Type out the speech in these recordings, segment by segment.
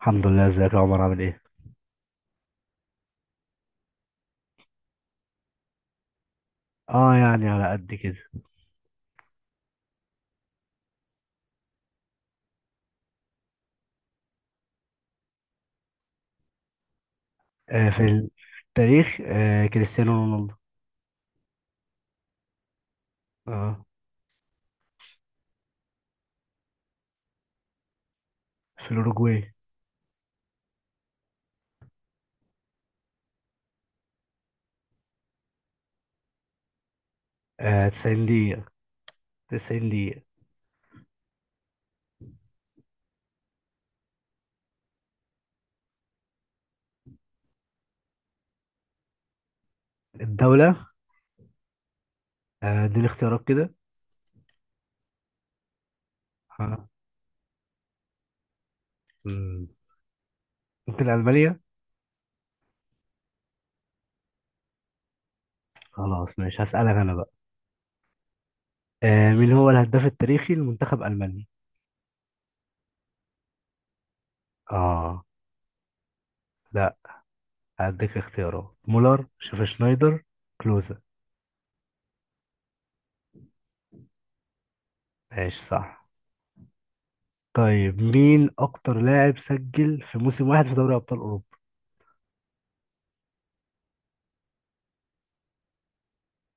الحمد لله. ازيك يا عمر عامل ايه؟ اه، يعني على قد كده. آه، في التاريخ كريستيانو رونالدو. اه، في الأوروجواي. آه، 90 دقيقة، 90 دقيقة. الدولة؟ دي الاختيارات كده؟ اه مم. ممكن ألمانيا. خلاص، ماشي، هسألك أنا بقى. مين هو الهداف التاريخي لمنتخب ألمانيا؟ اه، لا. هديك اختيارات: مولر، شيف، شنايدر، كلوزا. ماشي، صح. طيب، مين أكتر لاعب سجل في موسم واحد في دوري أبطال أوروبا؟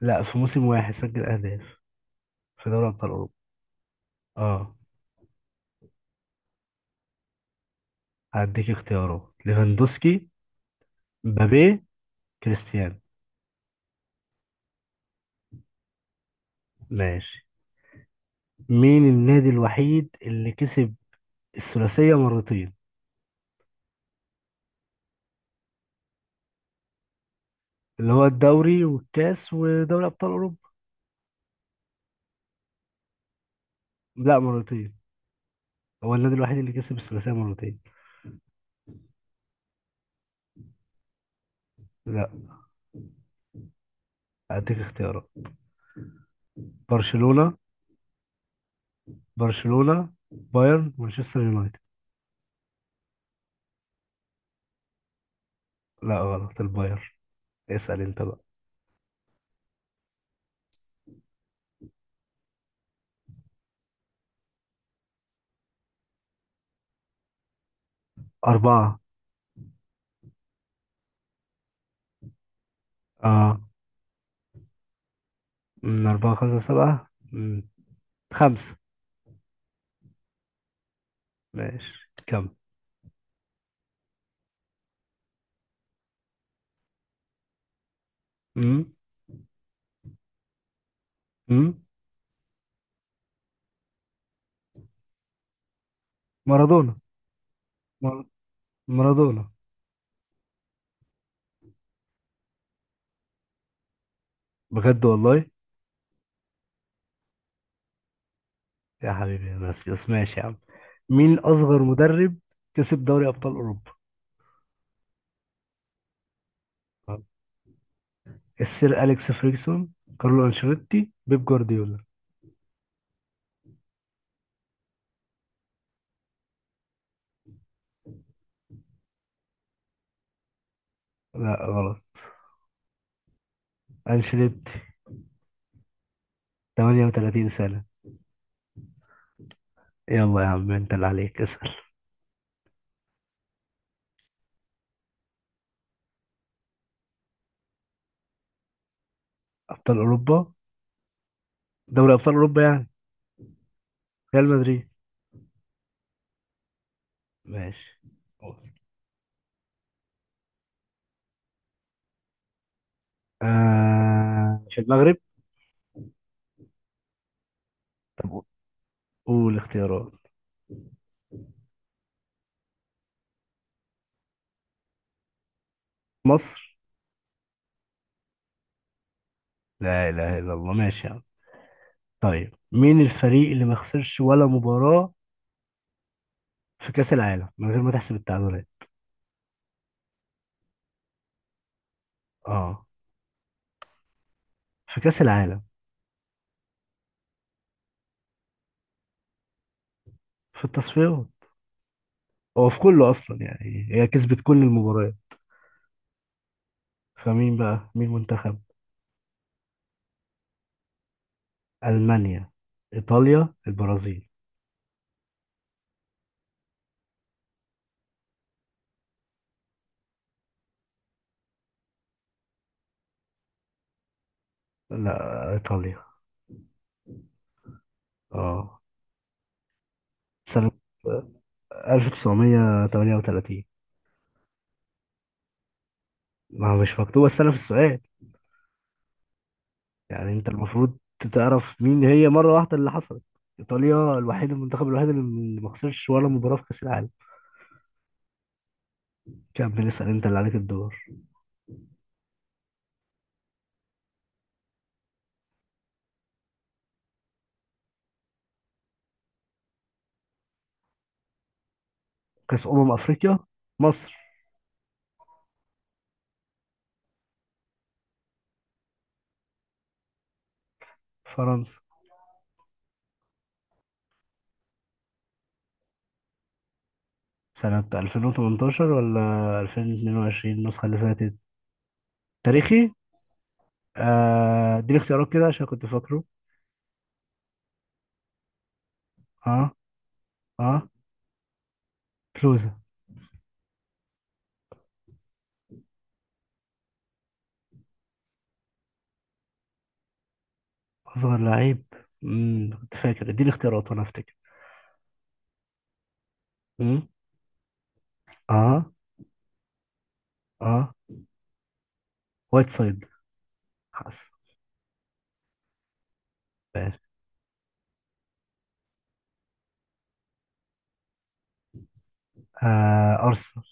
لا، في موسم واحد سجل أهداف في دوري أبطال أوروبا. اه، هديك اختيارات: ليفاندوسكي، مبابي، كريستيانو. ماشي. مين النادي الوحيد اللي كسب الثلاثية مرتين؟ اللي هو الدوري والكاس ودوري أبطال أوروبا. لا، مرتين. هو النادي الوحيد اللي كسب الثلاثية مرتين. لا، هديك اختيارات: برشلونة، برشلونة، بايرن، مانشستر يونايتد. لا، غلط، البايرن. اسأل انت بقى. أربعة. اه. أربعة، خمسة، سبعة، خمسة. ماشي، كم؟ امم امم مارادونا. مار- مارادونا. بجد والله؟ يا حبيبي يا ناسيوس، ماشي يا عم. مين اصغر مدرب كسب دوري ابطال اوروبا؟ السير اليكس فريكسون، كارلو انشيلوتي، بيب جوارديولا. لا، غلط، انشيلوتي. 38 سنة. يلا يا عم، انت اللي عليك اسأل. ابطال اوروبا. دوري ابطال اوروبا يعني. ريال مدريد. ماشي. آه، في المغرب. طب، قول اختيارات. مصر. لا إله إلا الله، ماشي يا عم. طيب، مين الفريق اللي ما خسرش ولا مباراة في كأس العالم من غير ما تحسب التعادلات؟ اه، في كأس العالم. في التصفيات. هو في كله أصلا، يعني هي كسبت كل المباريات. فمين بقى؟ مين منتخب؟ ألمانيا، إيطاليا، البرازيل. لا، إيطاليا. اه، سنة 1938. ما هو مش مكتوبة السنة في السؤال. يعني انت المفروض تعرف مين هي مره واحده اللي حصلت. ايطاليا الوحيد، المنتخب الوحيد اللي ما خسرش ولا مباراه في كاس العالم. كمل، اسال، انت اللي عليك الدور. كاس افريقيا. مصر. فرنسا. سنه 2018 ولا 2022 النسخه اللي فاتت؟ تاريخي. اديني اختيارات كده عشان كنت فاكره. اه. اه. كلوزا. اصغر لعيب. كنت فاكر، اديني اختيارات وانا افتكر. امم. اه. اه، وايت سايد. خلاص. ماشي. آه، ارسنال.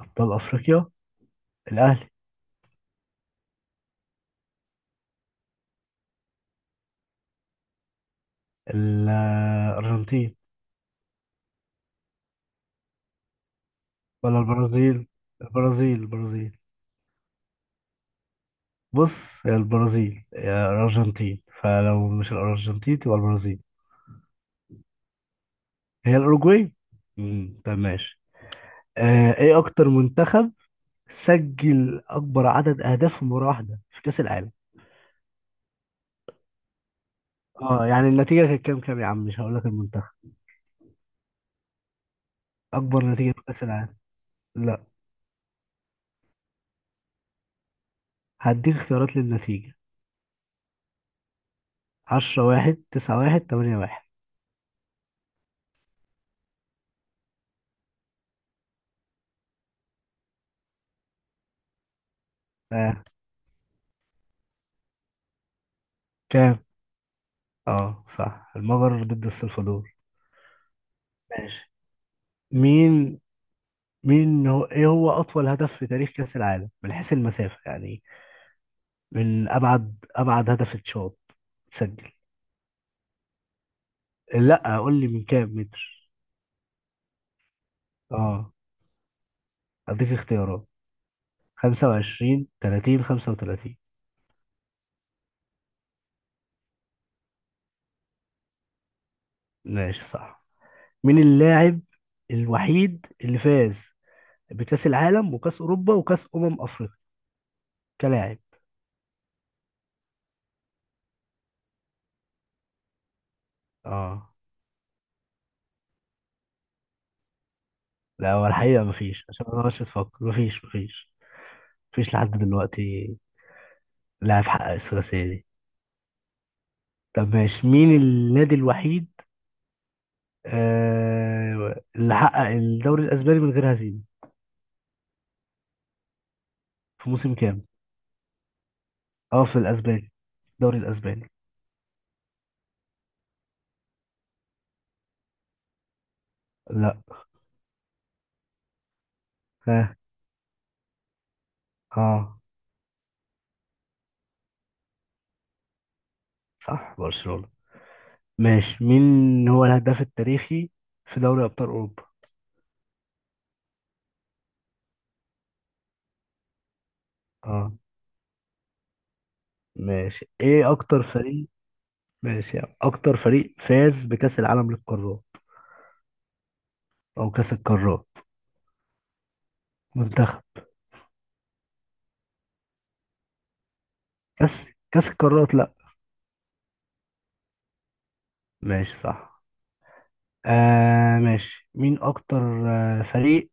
أبطال أفريقيا. الأهلي. الأرجنتين ولا البرازيل، البرازيل، البرازيل. بص، يا البرازيل يا الأرجنتين، فلو مش الأرجنتين تبقى البرازيل. هي الأوروجواي. طب، ماشي. إيه أكتر منتخب سجل أكبر عدد أهداف في مباراة واحدة في كأس العالم؟ يعني النتيجة كانت كام، كام يا عم؟ مش هقول لك المنتخب. أكبر نتيجة في كأس العالم. لا، هديك اختيارات للنتيجة: 10 1، 9 1، 8 1. آه. كام؟ اه، صح، المجر ضد السلفادور. ماشي. مم. مين مين هو، ايه هو اطول هدف في تاريخ كأس العالم من حيث المسافة يعني. من ابعد، ابعد هدف اتشاط، تسجل. لا، قول لي من كام متر. اه، اديك اختيارات: 25، 30، 35. ماشي، صح. مين اللاعب الوحيد اللي فاز بكأس العالم وكأس اوروبا وكأس افريقيا كلاعب؟ اه. لا، هو الحقيقة مفيش، عشان ما اقعدش تفكر، مفيش، مفيش. مفيش لحد دلوقتي لاعب حقق الثلاثية دي. طب، ماشي. مين النادي الوحيد اللي حقق الدوري الأسباني من غير هزيمة؟ في موسم كام؟ اه، في الأسباني، الدوري الأسباني. لا. ها؟ اه، صح، برشلونة. ماشي. مين هو الهداف التاريخي في دوري أبطال أوروبا؟ اه. ماشي. ايه أكتر فريق؟ ماشي، يعني أكتر فريق فاز بكأس العالم للقارات، أو كأس القارات منتخب. كأس القارات، لا. ماشي، صح. ماشي. مين أكتر فريق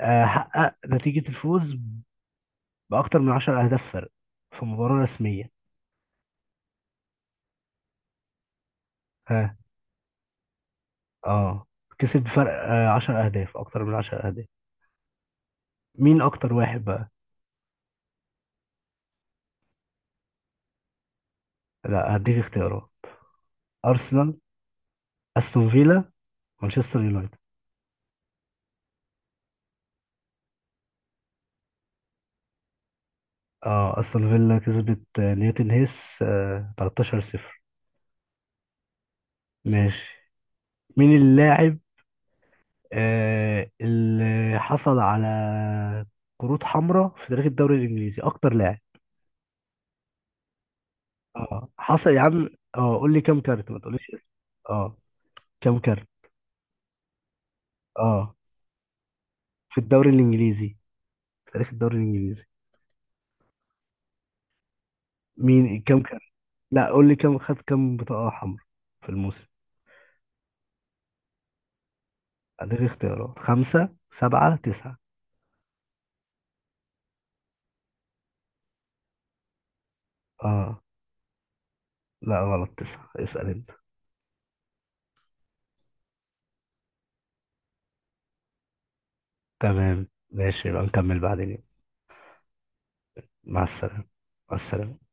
حقق نتيجة الفوز بأكتر من عشر أهداف فرق في مباراة رسمية؟ ها؟ اه. كسب بفرق عشر أهداف، أكتر من عشر أهداف. مين أكتر واحد بقى؟ لا، هديك اختيارات: أرسنال، أستون فيلا، مانشستر يونايتد. اه، أستون فيلا كسبت نيوتن هيس 13-0. ماشي. مين اللاعب اللي حصل على كروت حمراء في تاريخ الدوري الإنجليزي، أكتر لاعب؟ اه، حصل يا عم. اه، قول لي كام كارت، ما تقوليش اسم. اه. كام كارت؟ اه. في الدوري الانجليزي، في تاريخ الدوري الانجليزي. مين كام كارت؟ لا، قول لي كام خد، كام بطاقة حمراء في الموسم. اديك اختيارات: خمسة، سبعة، تسعة. اه، لا، غلط، تسعة، اسأل انت. تمام، ماشي، يبقى نكمل بعدين. مع السلامة. مع السلامة.